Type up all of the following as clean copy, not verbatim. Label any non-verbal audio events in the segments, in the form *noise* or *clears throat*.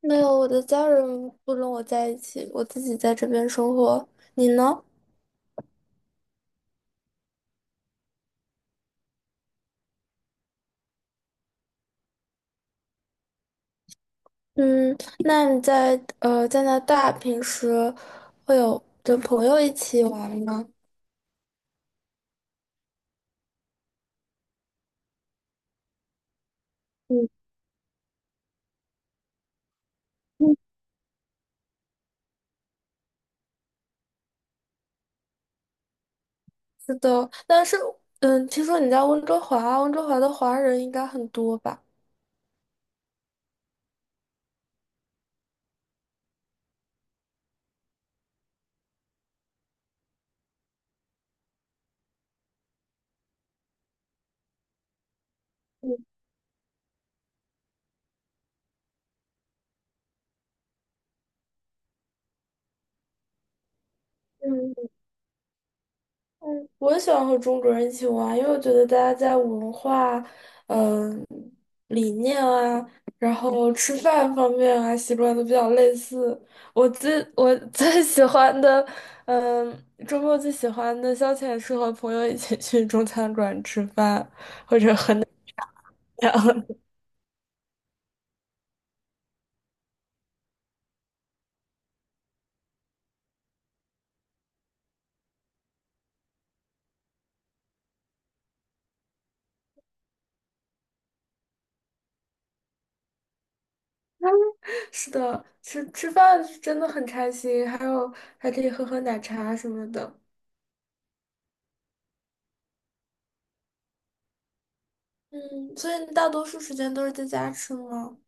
没有，我的家人不跟我在一起，我自己在这边生活。你呢？嗯，那你在加拿大平时会有跟朋友一起玩吗？嗯嗯，是的，但是嗯，听说你在温哥华啊，温哥华的华人应该很多吧？嗯嗯，我也喜欢和中国人一起玩，因为我觉得大家在文化理念啊，然后吃饭方面啊，习惯都比较类似。我最喜欢的，嗯，周末最喜欢的消遣是和朋友一起去中餐馆吃饭。*laughs* 然后是的，吃饭是真的很开心，还有还可以喝喝奶茶什么的。嗯，所以你大多数时间都是在家吃吗？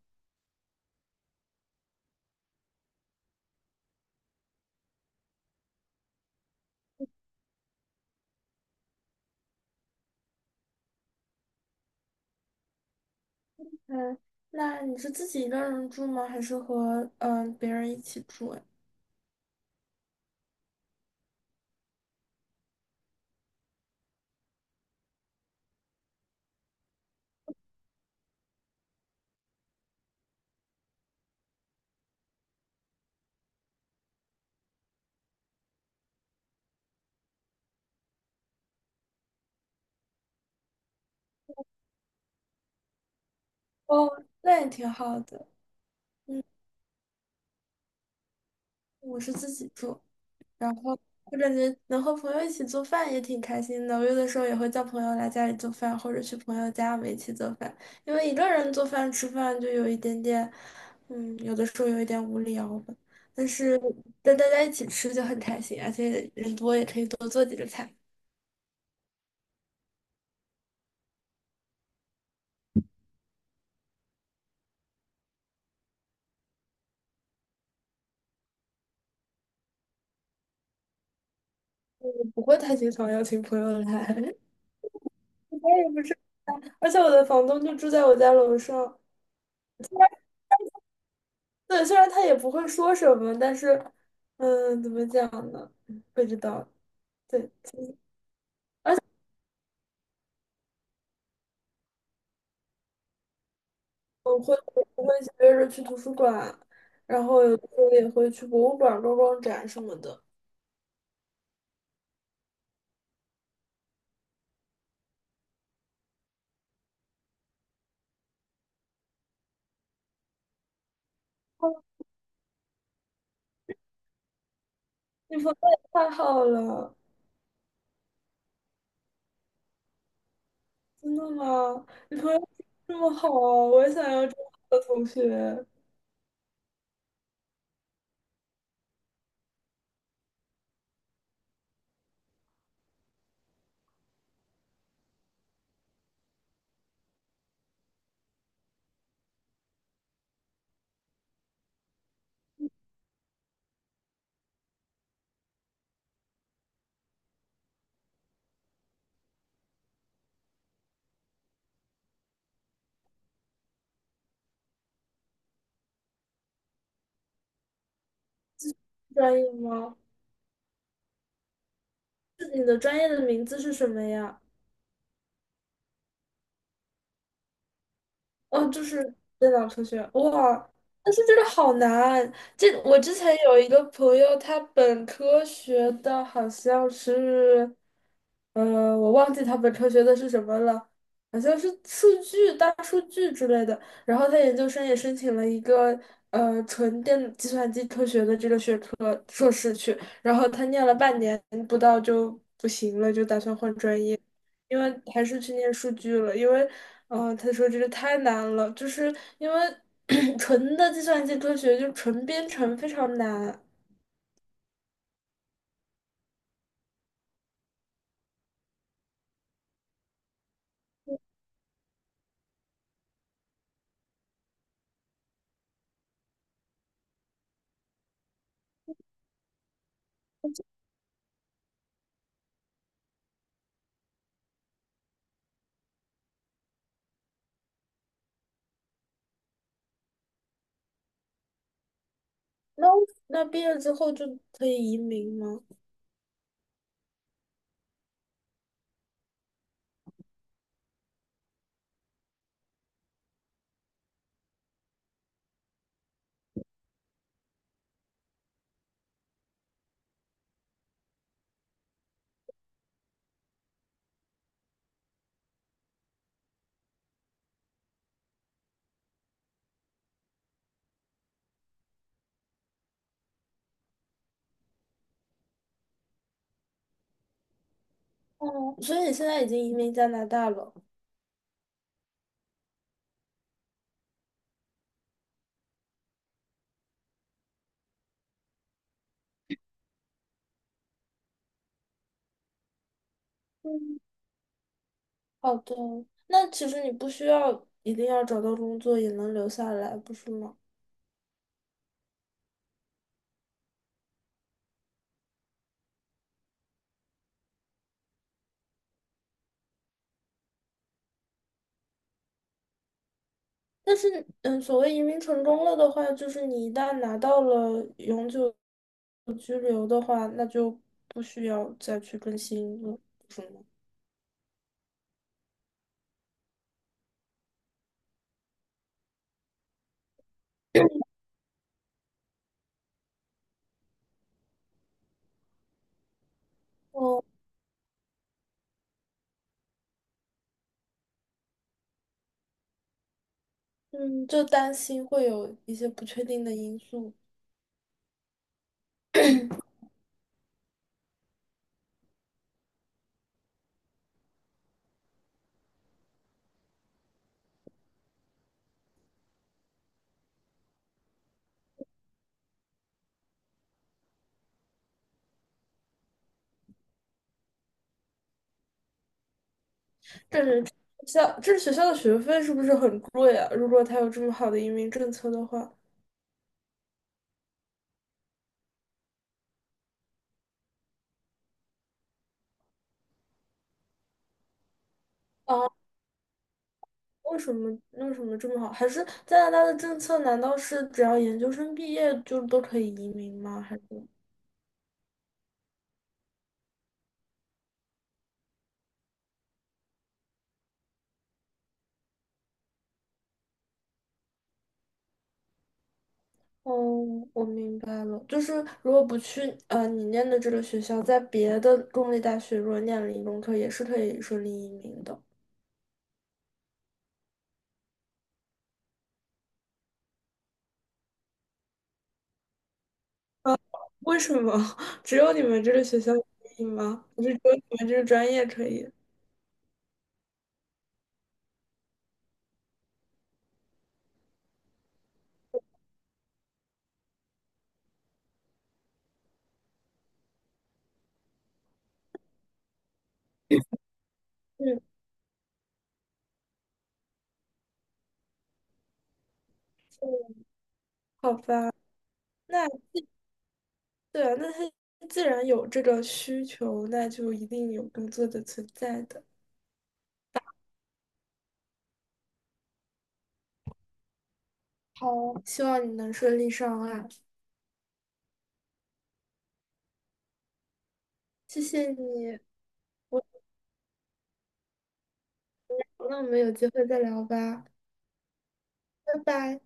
嗯，那你是自己一个人住吗？还是和别人一起住呀？哦，那也挺好的。我是自己住，然后我感觉能和朋友一起做饭也挺开心的。我有的时候也会叫朋友来家里做饭，或者去朋友家我们一起做饭。因为一个人做饭吃饭就有一点点，嗯，有的时候有一点无聊吧。但是跟大家一起吃就很开心，而且人多也可以多做几个菜。我不会太经常邀请朋友来，*laughs* 我也不是，而且我的房东就住在我家楼上，对，虽然他也不会说什么，但是，嗯，怎么讲呢？不知道。对，我会我会约着去图书馆，然后有的时候也会去博物馆逛逛展什么的。哦你朋友也太好了，真的吗？你朋友这么好，我也想要这么好的同学。专业吗？是你的专业的名字是什么呀？嗯，就是电脑科学，哇，但是这个好难。这我之前有一个朋友，他本科学的好像是，我忘记他本科学的是什么了，好像是数据、大数据之类的。然后他研究生也申请了一个纯电计算机科学的这个学科硕士去，然后他念了半年不到就不行了，就打算换专业。因为还是去念数据了，因为，他说这个太难了，就是因为 *coughs* *clears throat* 纯的计算机科学就纯编程非常难。那那毕业之后就可以移民吗？哦，所以你现在已经移民加拿大了。嗯，好的。那其实你不需要一定要找到工作也能留下来，不是吗？但是，嗯，所谓移民成功了的话，就是你一旦拿到了永久居留的话，那就不需要再去更新了，不是吗？哦，嗯，就担心会有一些不确定的因素。这是学校，这学校的学费是不是很贵啊？如果他有这么好的移民政策的话，啊，为什么这么好？还是加拿大的政策难道是只要研究生毕业就都可以移民吗？还是？哦，我明白了，就是如果不去你念的这个学校，在别的公立大学如果念了理工科，也是可以顺利移民的。为什么 *laughs* 只有你们这个学校可以吗？不是只有你们这个专业可以？嗯，嗯好吧，那对啊，那他既然有这个需求，那就一定有工作的存在的。好，希望你能顺利上岸，谢谢你。我那我们有机会再聊吧，拜拜。